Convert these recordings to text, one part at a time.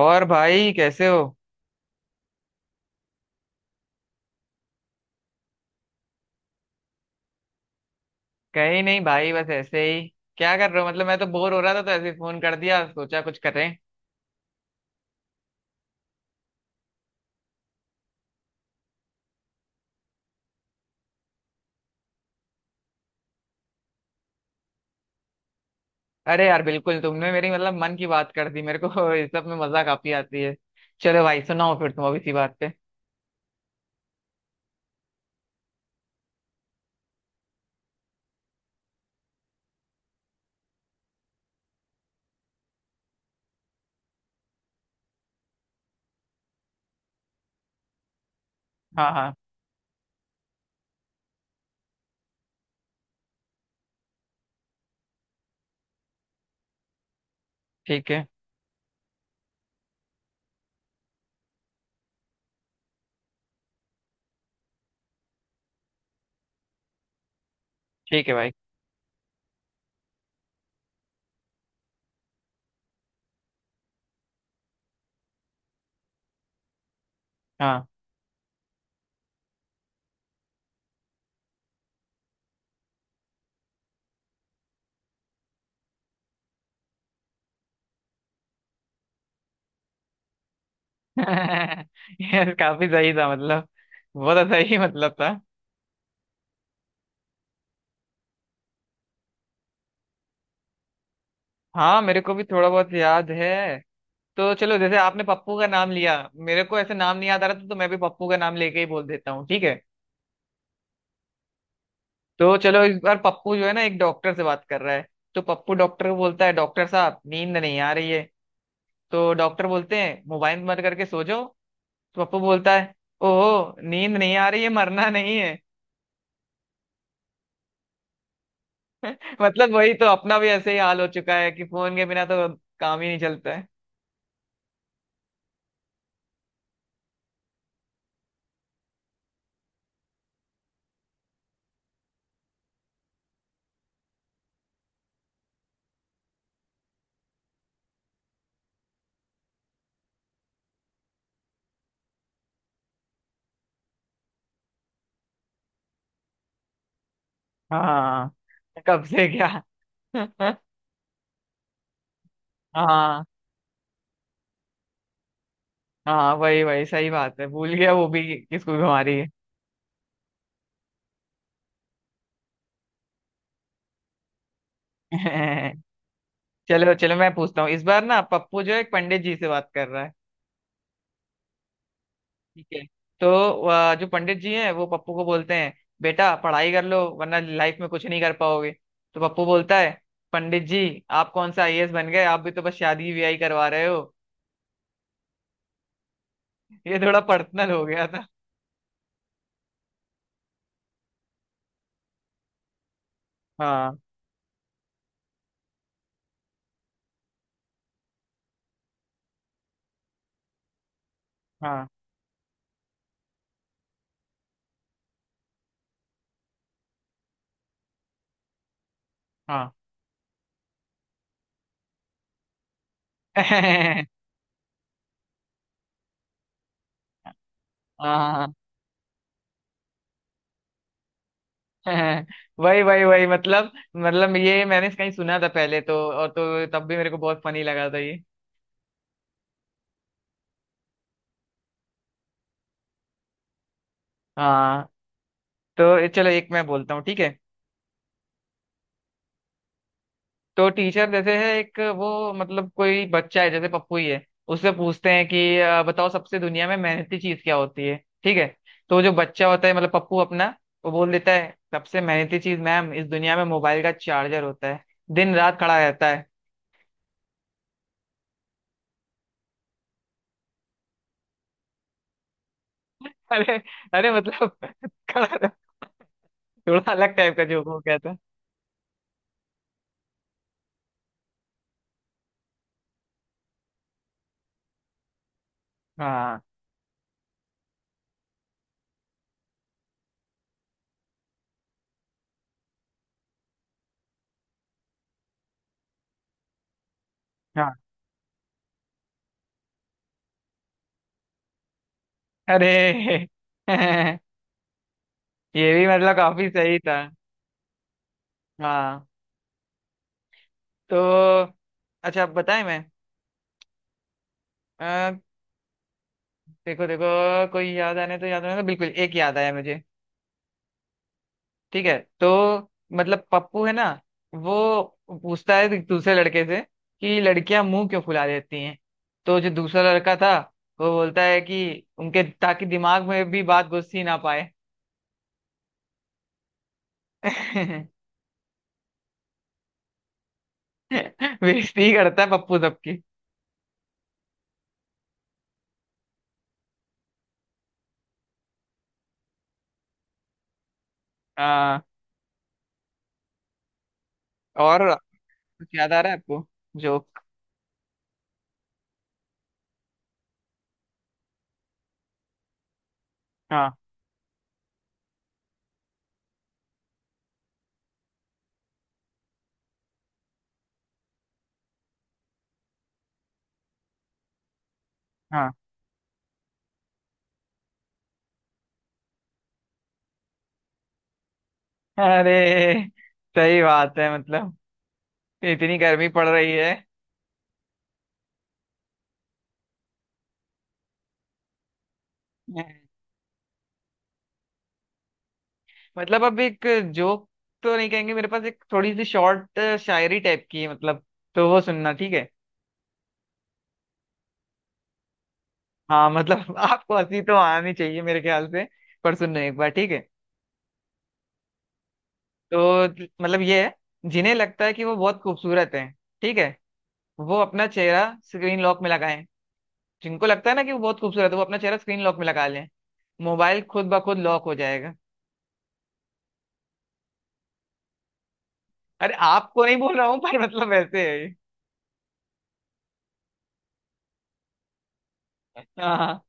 और भाई कैसे हो? कहीं नहीं भाई, बस ऐसे ही। क्या कर रहे हो? मतलब मैं तो बोर हो रहा था तो ऐसे ही फोन कर दिया, सोचा कुछ करें। अरे यार बिल्कुल, तुमने मेरी मतलब मन की बात कर दी मेरे को। इस सब में मजा काफी आती है। चलो भाई सुनाओ फिर तुम अभी सी बात पे। हाँ हाँ। ठीक है, ठीक है भाई। हाँ। यार काफी सही था मतलब, बहुत सही मतलब था। हाँ मेरे को भी थोड़ा बहुत याद है। तो चलो, जैसे आपने पप्पू का नाम लिया, मेरे को ऐसे नाम नहीं याद आ रहा था तो मैं भी पप्पू का नाम लेके ही बोल देता हूँ, ठीक है। तो चलो इस बार पप्पू जो है ना एक डॉक्टर से बात कर रहा है। तो पप्पू डॉक्टर को बोलता है, डॉक्टर साहब नींद नहीं आ रही है। तो डॉक्टर बोलते हैं मोबाइल बंद करके सो जाओ। तो पप्पू बोलता है, ओहो नींद नहीं आ रही है, मरना नहीं है। मतलब वही तो, अपना भी ऐसे ही हाल हो चुका है कि फोन के बिना तो काम ही नहीं चलता है। हाँ। कब से क्या? हाँ हाँ वही वही, सही बात है, भूल गया वो भी किसको बीमारी है। चलो चलो मैं पूछता हूँ, इस बार ना पप्पू जो है एक पंडित जी से बात कर रहा है, ठीक है। तो वह जो पंडित जी हैं वो पप्पू को बोलते हैं, बेटा पढ़ाई कर लो वरना लाइफ में कुछ नहीं कर पाओगे। तो पप्पू बोलता है, पंडित जी आप कौन सा आईएएस बन गए, आप भी तो बस शादी ब्याह करवा रहे हो। ये थोड़ा पर्सनल हो गया था। हाँ हाँ हाँ। हाँ। वही वही वही, मतलब ये मैंने कहीं सुना था पहले, तो और तो तब भी मेरे को बहुत फनी लगा था ये। हाँ। तो चलो एक मैं बोलता हूँ, ठीक है। तो टीचर देते हैं एक, वो मतलब कोई बच्चा है जैसे पप्पू ही है, उससे पूछते हैं कि बताओ सबसे दुनिया में मेहनती चीज क्या होती है, ठीक है। तो जो बच्चा होता है मतलब पप्पू अपना, वो बोल देता है, सबसे मेहनती चीज मैम इस दुनिया में मोबाइल का चार्जर होता है, दिन रात खड़ा रहता है। अरे। अरे मतलब खड़ा रह- थोड़ा अलग टाइप का जोक हो गया था। हाँ हाँ। अरे। ये भी मतलब काफी सही था। हाँ। तो अच्छा बताएं, मैं, देखो देखो कोई याद आने तो बिल्कुल एक याद आया मुझे, ठीक है। तो मतलब पप्पू है ना, वो पूछता है दूसरे लड़के से कि लड़कियां मुंह क्यों फुला देती हैं। तो जो दूसरा लड़का था वो बोलता है कि उनके, ताकि दिमाग में भी बात घुस ही ना पाए। बेइज्जती ही करता है पप्पू सबकी। हाँ। और कुछ याद आ रहा है आपको जोक? हाँ हाँ। अरे सही बात है मतलब, इतनी गर्मी पड़ रही है। मतलब अब एक जोक तो नहीं कहेंगे, मेरे पास एक थोड़ी सी शॉर्ट शायरी टाइप की है मतलब, तो वो सुनना, ठीक है। हाँ मतलब आपको हंसी तो आनी चाहिए मेरे ख्याल से, पर सुनना एक बार, ठीक है। तो मतलब ये है, जिन्हें लगता है कि वो बहुत खूबसूरत है, ठीक है, वो अपना चेहरा स्क्रीन लॉक में लगाएं। जिनको लगता है ना कि वो बहुत खूबसूरत है वो अपना चेहरा स्क्रीन लॉक में लगा लें, मोबाइल खुद ब खुद लॉक हो जाएगा। अरे आपको नहीं बोल रहा हूँ, पर मतलब वैसे है ये। हाँ।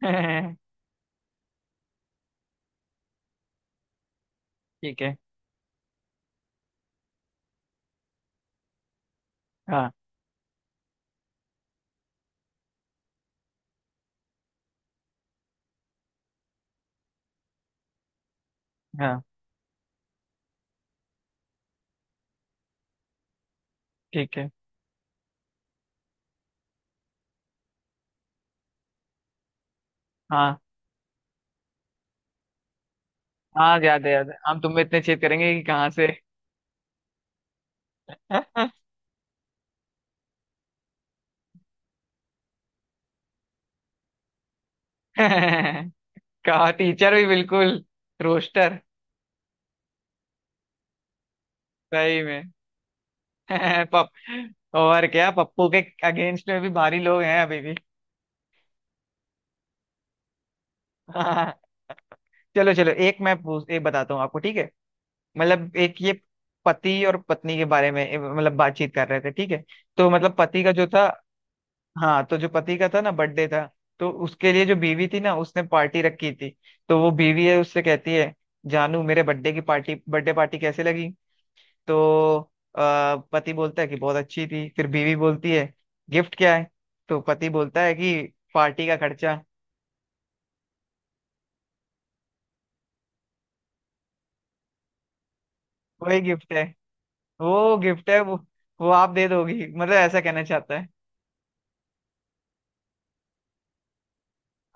ठीक है। हाँ हाँ ठीक है। हाँ हाँ याद है, याद है, हम तुम्हें इतने चेत करेंगे कि कहाँ से। कहा टीचर भी बिल्कुल रोस्टर। सही में। पप और क्या, पप्पू के अगेंस्ट में भी भारी लोग हैं अभी भी। चलो चलो एक मैं पूछ एक बताता हूँ आपको, ठीक है। मतलब एक ये पति और पत्नी के बारे में मतलब बातचीत कर रहे थे, ठीक है। तो मतलब पति का जो था, हाँ, तो जो पति का था ना बर्थडे था, तो उसके लिए जो बीवी थी ना उसने पार्टी रखी थी। तो वो बीवी है उससे कहती है, जानू मेरे बर्थडे पार्टी कैसे लगी। तो पति बोलता है कि बहुत अच्छी थी। फिर बीवी बोलती है गिफ्ट क्या है। तो पति बोलता है कि पार्टी का खर्चा वही गिफ्ट है। वो गिफ्ट है वो वो आप दे दोगी मतलब, ऐसा कहना चाहता है।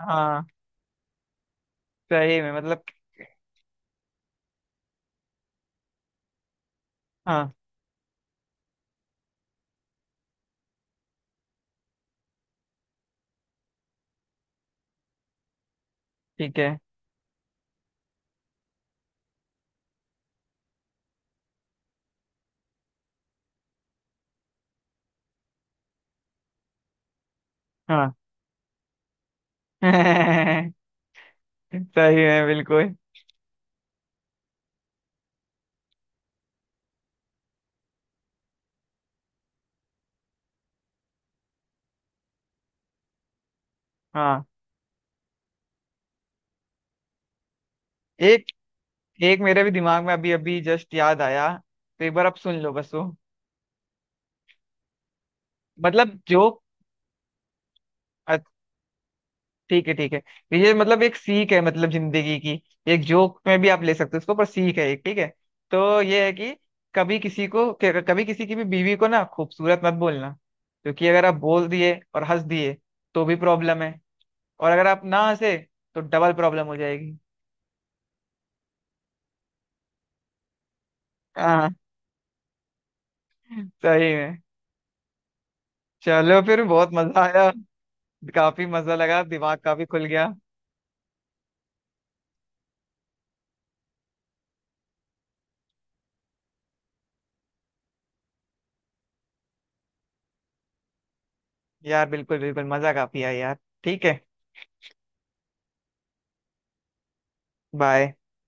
हाँ सही में मतलब। हाँ। ठीक है। हाँ सही है बिल्कुल। हाँ। एक एक मेरे भी दिमाग में अभी अभी जस्ट याद आया, तो एक बार आप सुन लो बस वो, मतलब जोक, ठीक है, ठीक है। तो ये मतलब एक सीख है, मतलब जिंदगी की, एक जोक में भी आप ले सकते हो उसको पर सीख है एक, ठीक है। तो ये है कि, कभी किसी की भी बीवी को ना खूबसूरत मत बोलना, क्योंकि अगर आप बोल दिए और हंस दिए तो भी प्रॉब्लम है, और अगर आप ना हंसे तो डबल प्रॉब्लम हो जाएगी। हाँ सही है। चलो फिर बहुत मजा आया, काफी मजा लगा, दिमाग काफी खुल गया। यार बिल्कुल बिल्कुल, मजा काफी आया यार, ठीक है। बाय।